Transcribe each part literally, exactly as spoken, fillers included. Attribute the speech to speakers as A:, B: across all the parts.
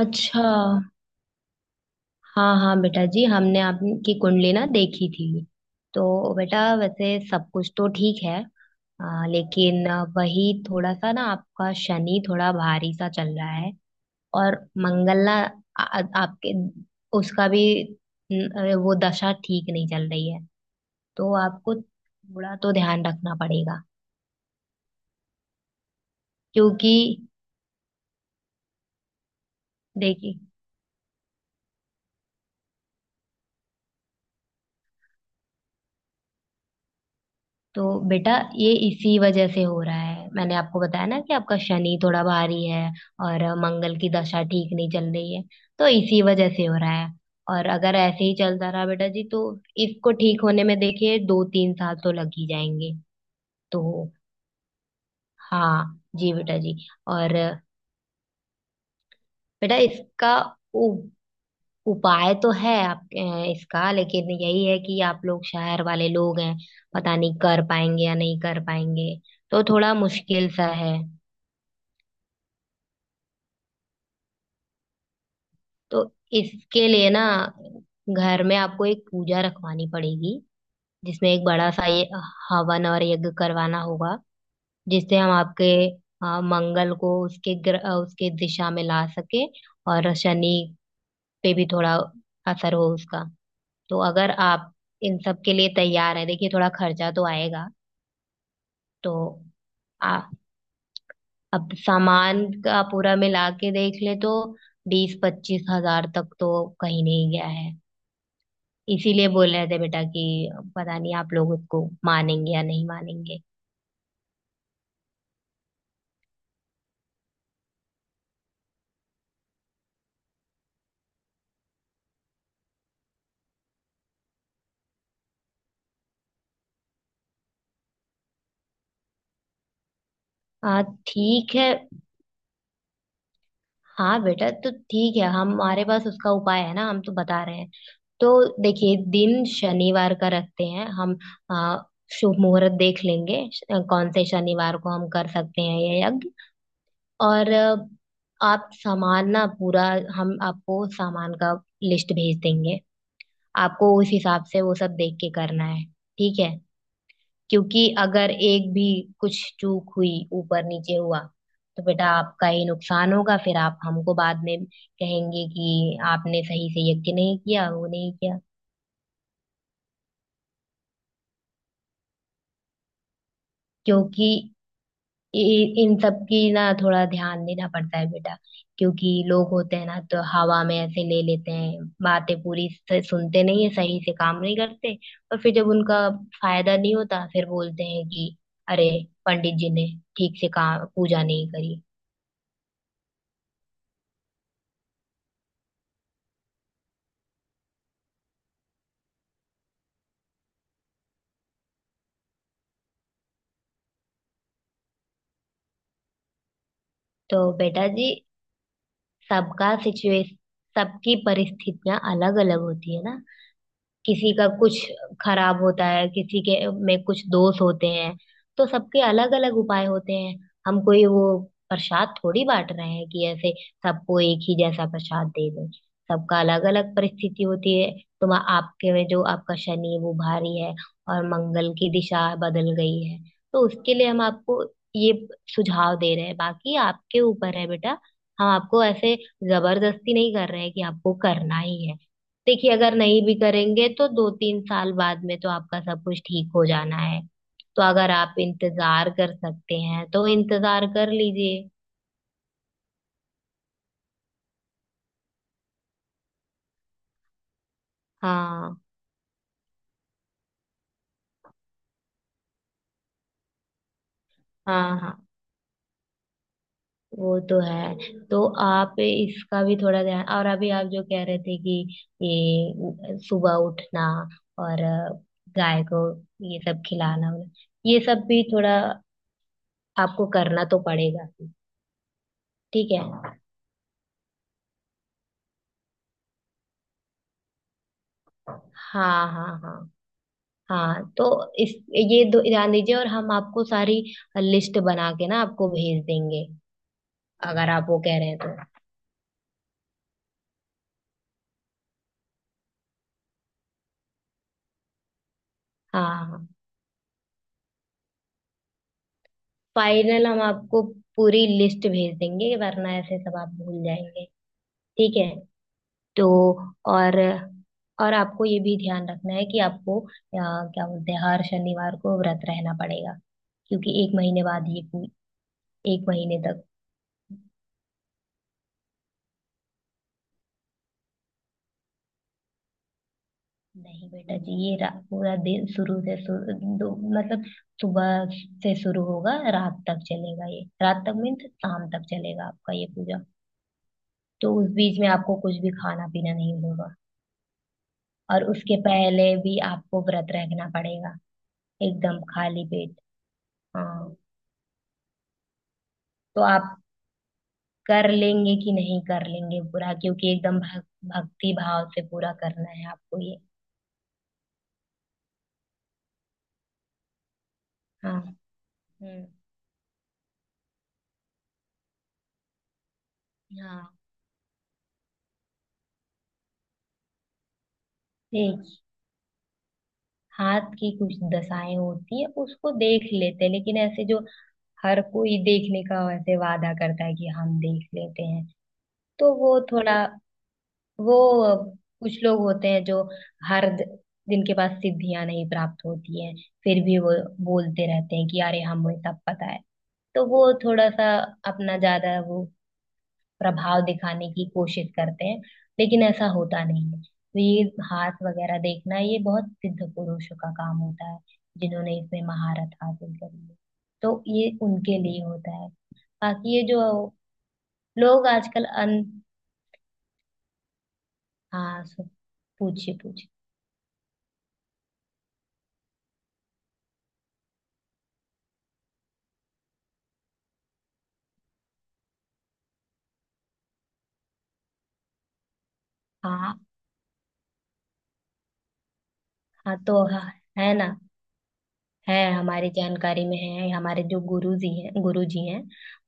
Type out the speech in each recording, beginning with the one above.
A: अच्छा। हाँ हाँ बेटा जी हमने आपकी कुंडली ना देखी थी। तो बेटा वैसे सब कुछ तो ठीक है। आ, लेकिन आ, वही थोड़ा सा ना आपका शनि थोड़ा भारी सा चल रहा है और मंगल ना आ, आ- आपके उसका भी न, आ, वो दशा ठीक नहीं चल रही है। तो आपको थोड़ा तो ध्यान रखना पड़ेगा। क्योंकि देखिए तो बेटा, ये इसी वजह से हो रहा है, मैंने आपको बताया ना कि आपका शनि थोड़ा भारी है और मंगल की दशा ठीक नहीं चल रही है। तो इसी वजह से हो रहा है। और अगर ऐसे ही चलता रहा बेटा जी, तो इसको ठीक होने में देखिए दो तीन साल तो लग ही जाएंगे। तो हाँ जी बेटा जी। और बेटा इसका उ, उपाय तो है आप अ, इसका, लेकिन यही है कि आप लोग शहर वाले लोग हैं, पता नहीं कर पाएंगे या नहीं कर पाएंगे। तो थोड़ा मुश्किल सा है। तो इसके लिए ना घर में आपको एक पूजा रखवानी पड़ेगी, जिसमें एक बड़ा सा ये हवन और यज्ञ करवाना होगा, जिससे हम आपके अ, मंगल को उसके ग्र, अ, उसके दिशा में ला सके और शनि पे भी थोड़ा असर हो उसका। तो अगर आप इन सब के लिए तैयार है, देखिए थोड़ा खर्चा तो आएगा। तो आ, अब सामान का पूरा मिला के देख ले तो बीस पच्चीस हजार तक तो कहीं नहीं गया है। इसीलिए बोल रहे थे बेटा कि पता नहीं आप लोग उसको मानेंगे या नहीं मानेंगे। हाँ ठीक है। हाँ बेटा, तो ठीक है, हमारे पास उसका उपाय है ना, हम तो बता रहे हैं। तो देखिए, दिन शनिवार का रखते हैं हम। आ, शुभ मुहूर्त देख लेंगे श- कौन से शनिवार को हम कर सकते हैं ये यज्ञ। और अ, आप सामान ना पूरा, हम आपको सामान का लिस्ट भेज देंगे। आपको उस हिसाब से वो सब देख के करना है, ठीक है? क्योंकि अगर एक भी कुछ चूक हुई, ऊपर नीचे हुआ, तो बेटा आपका ही नुकसान होगा, फिर आप हमको बाद में कहेंगे कि आपने सही से ये नहीं किया वो नहीं किया। क्योंकि इ- इन सब की ना थोड़ा ध्यान देना पड़ता है बेटा। क्योंकि लोग होते हैं ना, तो हवा में ऐसे ले लेते हैं, बातें पूरी से सुनते नहीं है, सही से काम नहीं करते, और फिर जब उनका फायदा नहीं होता, फिर बोलते हैं कि अरे पंडित जी ने ठीक से काम, पूजा नहीं करी। तो बेटा जी, सबका सिचुएशन, सबकी परिस्थितियां अलग अलग होती है ना। किसी का कुछ खराब होता है, किसी के में कुछ दोष होते हैं। तो सबके अलग अलग उपाय होते हैं। हम कोई वो प्रसाद थोड़ी बांट रहे हैं कि ऐसे सबको एक ही जैसा प्रसाद दे दें। सबका अलग अलग परिस्थिति होती है। तुम आपके में जो आपका शनि है वो भारी है और मंगल की दिशा बदल गई है। तो उसके लिए हम आपको ये सुझाव दे रहे हैं, बाकी आपके ऊपर है बेटा। हम आपको ऐसे जबरदस्ती नहीं कर रहे हैं कि आपको करना ही है। देखिए, अगर नहीं भी करेंगे तो दो तीन साल बाद में तो आपका सब कुछ ठीक हो जाना है। तो अगर आप इंतजार कर सकते हैं तो इंतजार कर लीजिए। हाँ हाँ हाँ, वो तो है। तो आप इसका भी थोड़ा ध्यान, और अभी आप जो कह रहे थे कि ये सुबह उठना और गाय को ये सब खिलाना, ये सब भी थोड़ा आपको करना तो पड़ेगा। ठीक है। हाँ हाँ हाँ। हाँ तो इस, ये दो ध्यान दीजिए और हम आपको सारी लिस्ट बना के ना आपको भेज देंगे, अगर आप वो कह रहे हैं तो। हाँ हाँ, हाँ। फाइनल हम आपको पूरी लिस्ट भेज देंगे, वरना ऐसे सब आप भूल जाएंगे। ठीक है। तो और और आपको ये भी ध्यान रखना है कि आपको अ, क्या बोलते हैं, हर शनिवार को व्रत रहना पड़ेगा। क्योंकि एक महीने बाद ये पू- एक महीने तक, नहीं बेटा जी, ये रा- पूरा दिन, शुरू से शुरू दो- मतलब सुबह से शुरू होगा, रात तक चलेगा, ये रात तक, मीन्स शाम तक चलेगा आपका ये पूजा। तो उस बीच में आपको कुछ भी खाना पीना नहीं होगा। और उसके पहले भी आपको व्रत रखना पड़ेगा, एकदम खाली पेट। हाँ। तो आप कर लेंगे कि नहीं कर लेंगे पूरा, क्योंकि एकदम भक, भक्ति भाव से पूरा करना है आपको ये। हाँ। हम्म। हाँ ठीक। हाथ की कुछ दशाएं होती है, उसको देख लेते हैं, लेकिन ऐसे जो हर कोई देखने का ऐसे वादा करता है कि हम देख लेते हैं, तो वो थोड़ा, वो कुछ लोग होते हैं जो हर द- जिनके पास सिद्धियां नहीं प्राप्त होती हैं, फिर भी वो बोलते रहते हैं कि अरे हमें सब पता है। तो वो थोड़ा सा अपना ज्यादा वो प्रभाव दिखाने की कोशिश करते हैं, लेकिन ऐसा होता नहीं है। तो ये हाथ वगैरह देखना, ये बहुत सिद्ध पुरुषों का काम होता है, जिन्होंने इसमें महारत हासिल करी है। तो ये उनके लिए होता है। बाकी ये जो लोग आजकल अन हाँ, सो- पूछिए पूछिए। हाँ हाँ, तो हाँ, है ना, है, हमारी जानकारी में है, हमारे जो गुरु जी हैं, गुरु जी हैं,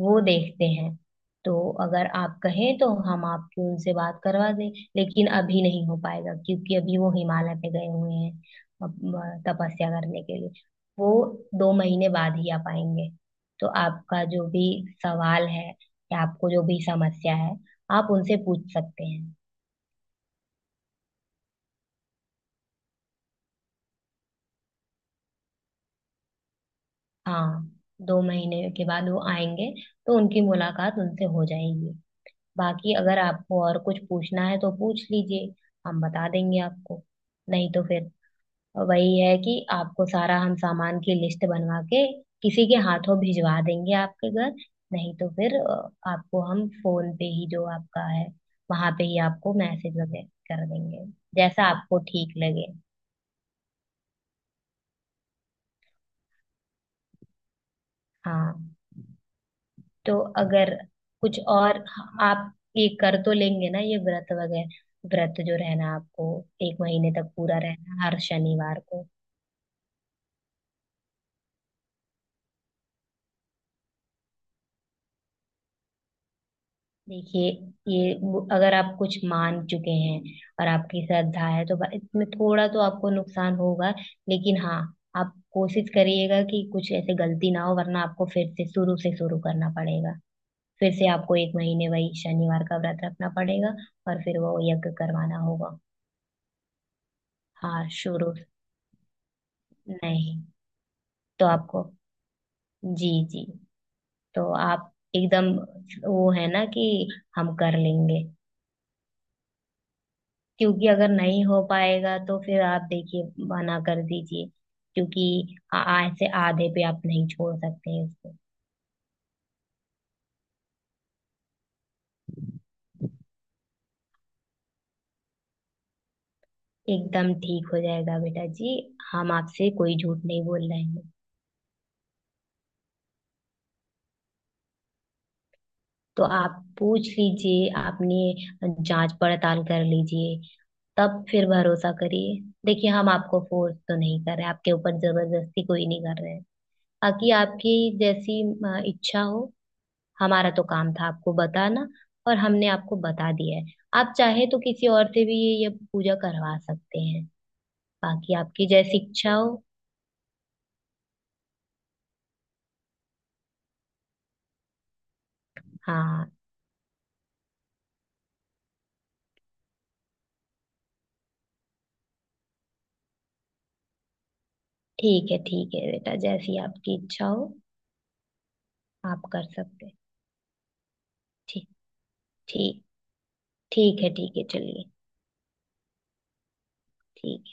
A: वो देखते हैं। तो अगर आप कहें तो हम आपकी उनसे बात करवा दें, लेकिन अभी नहीं हो पाएगा क्योंकि अभी वो हिमालय पे गए हुए हैं अप- अ, तपस्या करने के लिए। वो दो महीने बाद ही आ पाएंगे। तो आपका जो भी सवाल है, या आपको जो भी समस्या है, आप उनसे पूछ सकते हैं। हाँ, दो महीने के बाद वो आएंगे, तो उनकी मुलाकात उनसे हो जाएगी। बाकी अगर आपको और कुछ पूछना है तो पूछ लीजिए, हम बता देंगे आपको। नहीं तो फिर वही है कि आपको सारा, हम सामान की लिस्ट बनवा के किसी के हाथों भिजवा देंगे आपके घर। नहीं तो फिर अ, आपको हम फोन पे ही, जो आपका है वहां पे ही, आपको मैसेज वगैरह कर देंगे, जैसा आपको ठीक लगे। हाँ। तो अगर कुछ और, आप ये कर तो लेंगे ना ये व्रत वगैरह, व्रत जो रहना आपको, एक महीने तक पूरा रहना हर शनिवार को। देखिए, ये वो- अगर आप कुछ मान चुके हैं और आपकी श्रद्धा है तो बा- इसमें थोड़ा तो आपको नुकसान होगा, लेकिन हाँ, आप कोशिश करिएगा कि कुछ ऐसे गलती ना हो, वरना आपको फिर से शुरू से शुरू करना पड़ेगा। फिर से आपको एक महीने वही शनिवार का व्रत रखना पड़ेगा, और फिर वो यज्ञ करवाना होगा। हाँ शुरू नहीं, तो आपको, जी जी, तो आप एकदम, वो है ना कि हम कर लेंगे। क्योंकि अगर नहीं हो पाएगा तो फिर आप देखिए मना कर दीजिए। क्योंकि आ- आ- ऐसे आधे पे आप नहीं छोड़ सकते हैं उसको। एकदम ठीक हो जाएगा बेटा जी, हम आपसे कोई झूठ नहीं बोल रहे हैं। तो आप पूछ लीजिए, आपने जांच पड़ताल कर लीजिए, तब फिर भरोसा करिए। देखिए, हम आपको फोर्स तो नहीं कर रहे, आपके ऊपर जबरदस्ती कोई नहीं कर रहे हैं। बाकी आपकी जैसी अ, इच्छा हो, हमारा तो काम था आपको बताना, और हमने आपको बता दिया है। आप चाहे तो किसी और से भी ये ये पूजा करवा सकते हैं। बाकी आपकी जैसी इच्छा हो। हाँ, ठीक है ठीक है बेटा, जैसी आपकी इच्छा हो, आप कर सकते हैं। ठीक। ठीक। ठीक है ठीक है, चलिए। ठीक।